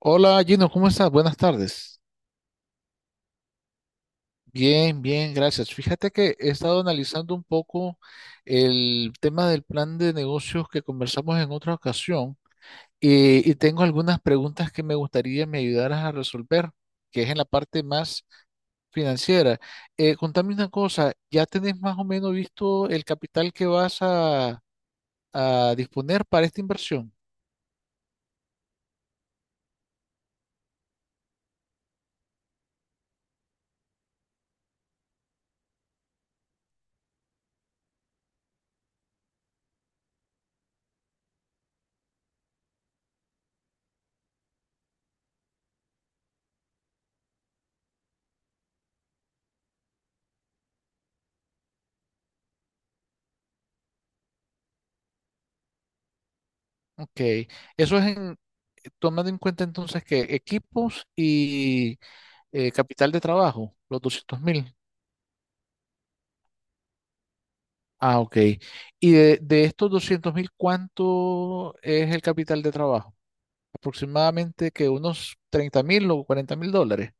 Hola Gino, ¿cómo estás? Buenas tardes. Bien, bien, gracias. Fíjate que he estado analizando un poco el tema del plan de negocios que conversamos en otra ocasión tengo algunas preguntas que me gustaría me ayudaras a resolver, que es en la parte más financiera. Contame una cosa, ¿ya tenés más o menos visto el capital que vas a disponer para esta inversión? Ok, eso es tomando en cuenta entonces que equipos y capital de trabajo, los 200.000. Ah, ok. Y de estos 200.000, ¿cuánto es el capital de trabajo? Aproximadamente que unos 30.000 o $40.000.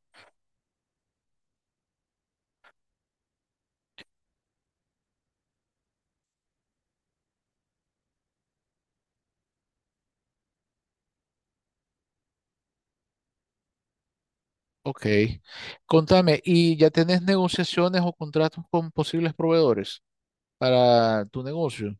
Ok. Contame, ¿y ya tenés negociaciones o contratos con posibles proveedores para tu negocio?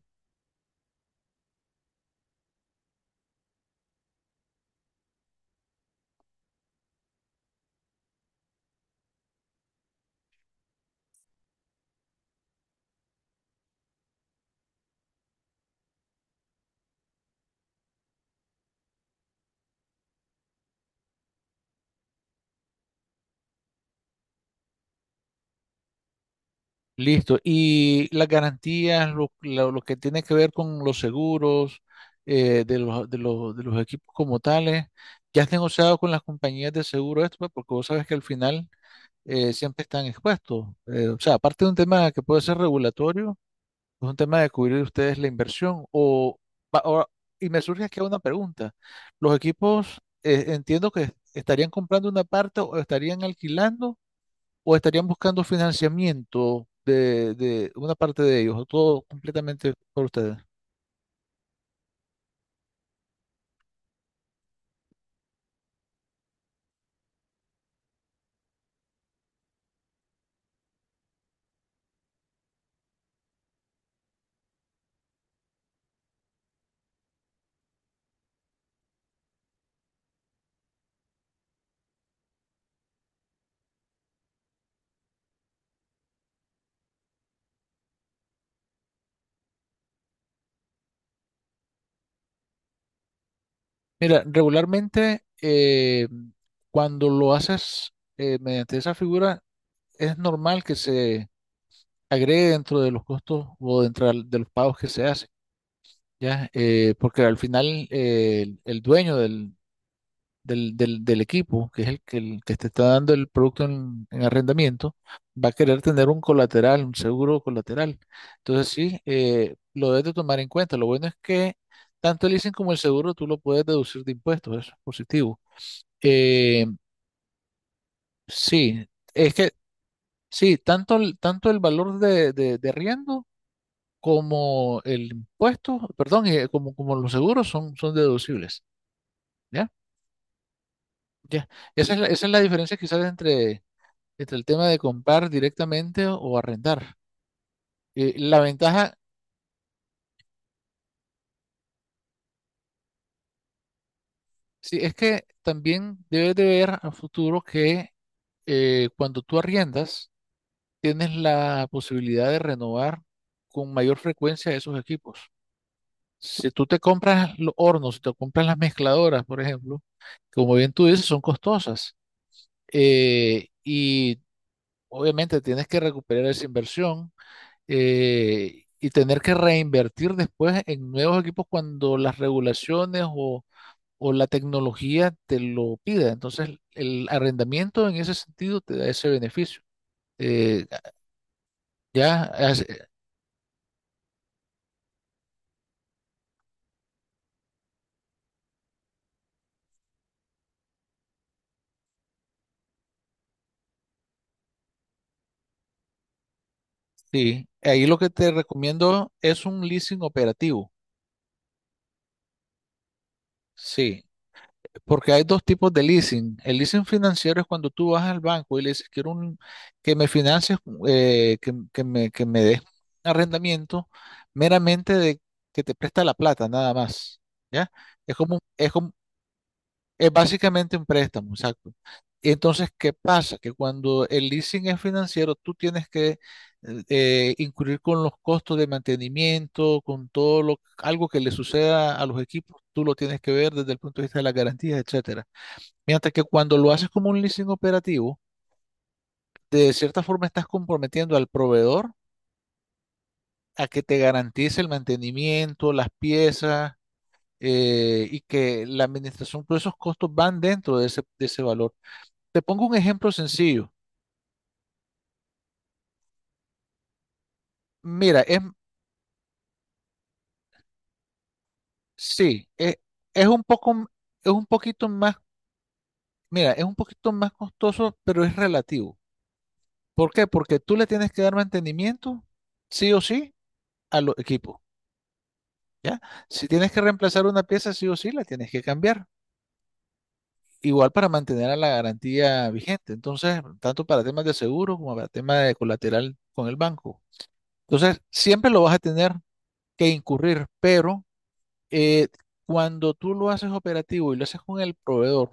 Listo. Y las garantías, lo que tiene que ver con los seguros de los equipos como tales, ya has negociado con las compañías de seguro esto, pues, porque vos sabes que al final siempre están expuestos. O sea, aparte de un tema que puede ser regulatorio, es un tema de cubrir ustedes la inversión. Va- ahora- y me surge aquí una pregunta. Los equipos, entiendo que estarían comprando una parte o estarían alquilando o estarían buscando financiamiento de una parte de ellos, o todo completamente por ustedes. Mira, regularmente cuando lo haces mediante esa figura, es normal que se agregue dentro de los costos o dentro de los pagos que se hacen, ¿ya? Porque al final el dueño del equipo, que es el que te está dando el producto en arrendamiento, va a querer tener un colateral, un seguro colateral. Entonces sí, lo debes de tomar en cuenta. Lo bueno es que tanto el leasing como el seguro tú lo puedes deducir de impuestos, eso es positivo. Eh, sí, es que sí, tanto el valor de arriendo como el impuesto, perdón, como los seguros son deducibles. ¿Ya? Ya. Esa es la diferencia quizás entre, este, el tema de comprar directamente o arrendar. La ventaja, sí, es que también debes de ver a futuro que cuando tú arriendas, tienes la posibilidad de renovar con mayor frecuencia esos equipos. Si tú te compras los hornos, si te compras las mezcladoras, por ejemplo, como bien tú dices, son costosas. Y obviamente tienes que recuperar esa inversión y tener que reinvertir después en nuevos equipos cuando las regulaciones o la tecnología te lo pida. Entonces, el arrendamiento en ese sentido te da ese beneficio. Eh, ya, sí, ahí lo que te recomiendo es un leasing operativo. Sí, porque hay dos tipos de leasing. El leasing financiero es cuando tú vas al banco y le dices, quiero que me financies, que me des arrendamiento meramente de que te presta la plata, nada más. ¿Ya? Es como, es como, es básicamente un préstamo, exacto. Entonces, ¿qué pasa? Que cuando el leasing es financiero, tú tienes que incurrir con los costos de mantenimiento, con algo que le suceda a los equipos, tú lo tienes que ver desde el punto de vista de las garantías, etcétera. Mientras que cuando lo haces como un leasing operativo, de cierta forma estás comprometiendo al proveedor a que te garantice el mantenimiento, las piezas y que la administración, todos esos costos van dentro de ese valor. Te pongo un ejemplo sencillo. Mira, sí, m- es un poquito más, es un poquito más costoso, pero es relativo. ¿Por qué? Porque tú le tienes que dar mantenimiento, sí o sí, a los equipos. ¿Ya? Si tienes que reemplazar una pieza, sí o sí, la tienes que cambiar. Igual para mantener a la garantía vigente. Entonces, tanto para temas de seguro como para temas de colateral con el banco. Entonces, siempre lo vas a tener que incurrir, pero eh, cuando tú lo haces operativo y lo haces con el proveedor,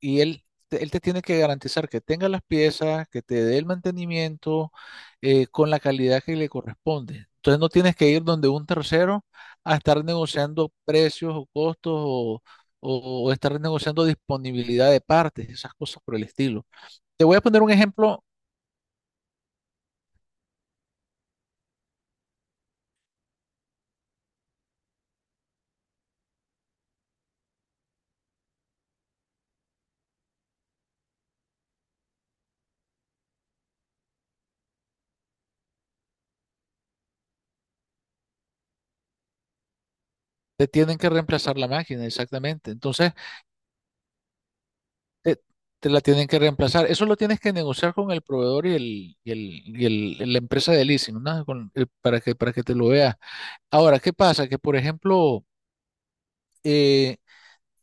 y él te tiene que garantizar que tenga las piezas, que te dé el mantenimiento con la calidad que le corresponde. Entonces no tienes que ir donde un tercero a estar negociando precios o costos o estar negociando disponibilidad de partes, esas cosas por el estilo. Te voy a poner un ejemplo, te tienen que reemplazar la máquina, exactamente. Entonces, te, te la tienen que reemplazar. Eso lo tienes que negociar con el proveedor y la empresa de leasing, ¿no? Para que te lo veas. Ahora, ¿qué pasa? Que, por ejemplo, eh,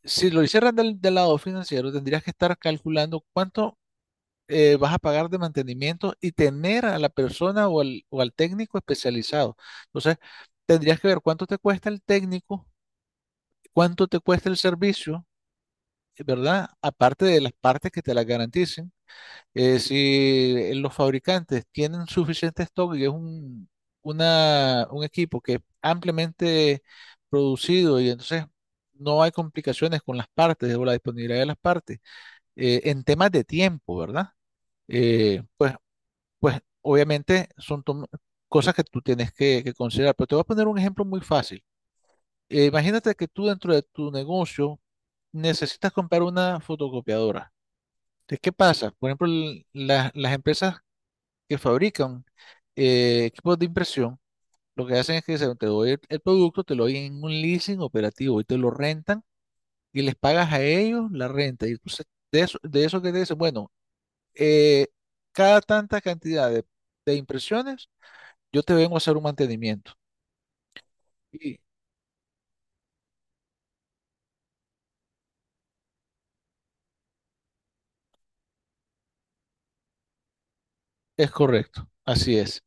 si lo hicieras del lado financiero, tendrías que estar calculando cuánto vas a pagar de mantenimiento y tener a la persona o al técnico especializado. Entonces, tendrías que ver cuánto te cuesta el técnico, cuánto te cuesta el servicio, ¿verdad? Aparte de las partes que te las garanticen. Si los fabricantes tienen suficiente stock y es un equipo que es ampliamente producido y entonces no hay complicaciones con las partes o la disponibilidad de las partes, en temas de tiempo, ¿verdad? Eh, pues, pues obviamente son cosas que tú tienes que considerar, pero te voy a poner un ejemplo muy fácil. Imagínate que tú dentro de tu negocio necesitas comprar una fotocopiadora. Entonces, ¿qué pasa? Por ejemplo, las empresas que fabrican equipos de impresión, lo que hacen es que se, te doy el producto, te lo doy en un leasing operativo y te lo rentan y les pagas a ellos la renta. Y entonces, de eso que te dicen, bueno, eh, cada tanta cantidad de impresiones, yo te vengo a hacer un mantenimiento. Y es correcto, así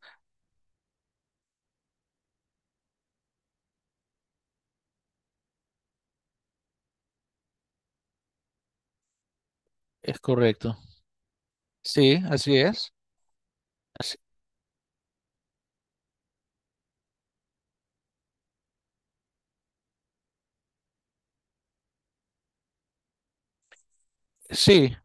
es correcto. Sí, así es. así- sí,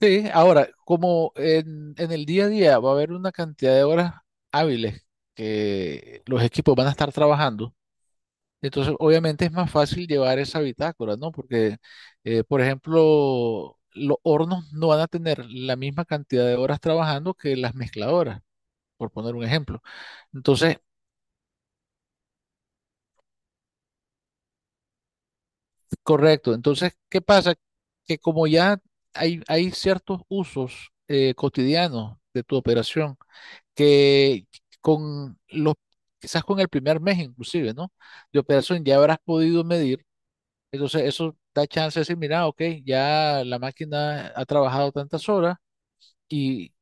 Sí, ahora, como en el día a día va a haber una cantidad de horas hábiles que los equipos van a estar trabajando, entonces obviamente es más fácil llevar esa bitácora, ¿no? Porque, por ejemplo, los hornos no van a tener la misma cantidad de horas trabajando que las mezcladoras, por poner un ejemplo. Entonces, correcto. Entonces, ¿qué pasa? Que como ya hay ciertos usos cotidianos de tu operación, que con los, quizás con el primer mes inclusive, ¿no? De operación ya habrás podido medir, entonces eso da chance de decir, mira, ok, ya la máquina ha trabajado tantas horas y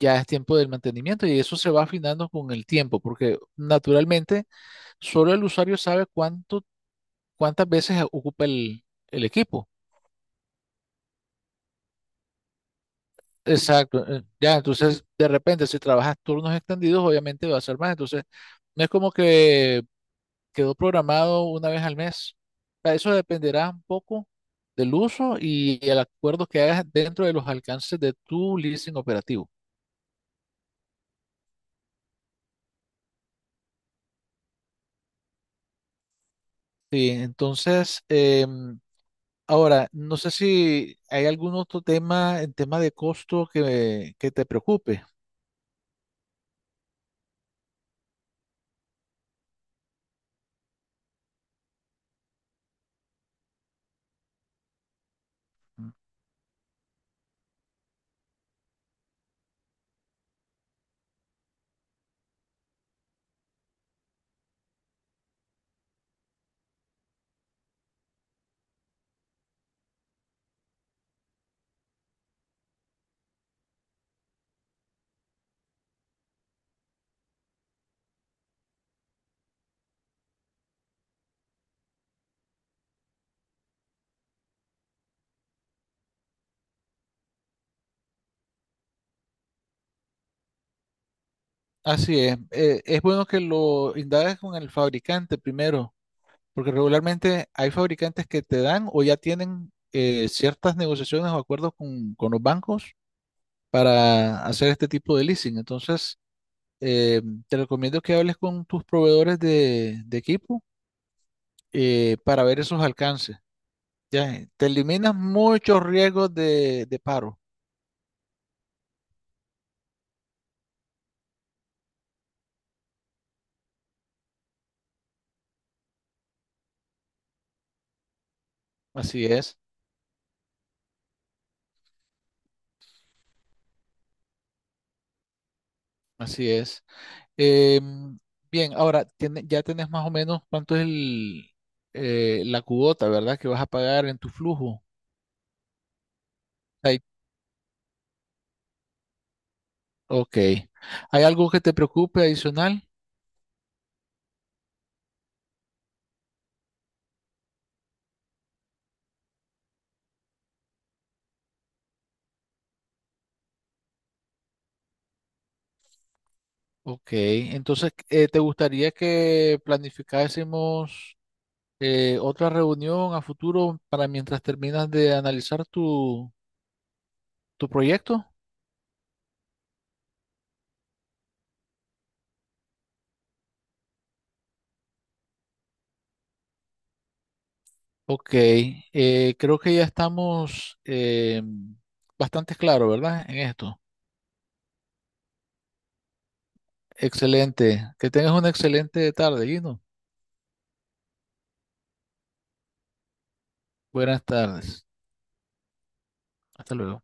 ya es tiempo del mantenimiento y eso se va afinando con el tiempo, porque naturalmente solo el usuario sabe cuántas veces ocupa el equipo. Exacto, ya, entonces de repente si trabajas turnos extendidos, obviamente va a ser más, entonces no es como que quedó programado una vez al mes. Eso dependerá un poco del uso y el acuerdo que hagas dentro de los alcances de tu leasing operativo. Sí, entonces, ahora, no sé si hay algún otro tema en tema de costo que te preocupe. Así es bueno que lo indagues con el fabricante primero, porque regularmente hay fabricantes que te dan o ya tienen ciertas negociaciones o acuerdos con los bancos para hacer este tipo de leasing. Entonces, eh, te recomiendo que hables con tus proveedores de equipo para ver esos alcances. Ya, te eliminas muchos riesgos de paro. Así es, así es. Em, Bien, ahora ya tenés más o menos cuánto es la cuota, ¿verdad? Que vas a pagar en tu flujo. Ahí- ok. ¿Hay algo que te preocupe adicional? Ok, entonces, ¿te gustaría que planificásemos otra reunión a futuro para mientras terminas de analizar tu proyecto? Ok, creo que ya estamos bastante claros, ¿verdad? En esto. Excelente. Que tengas una excelente tarde, Gino. Buenas tardes. Hasta luego.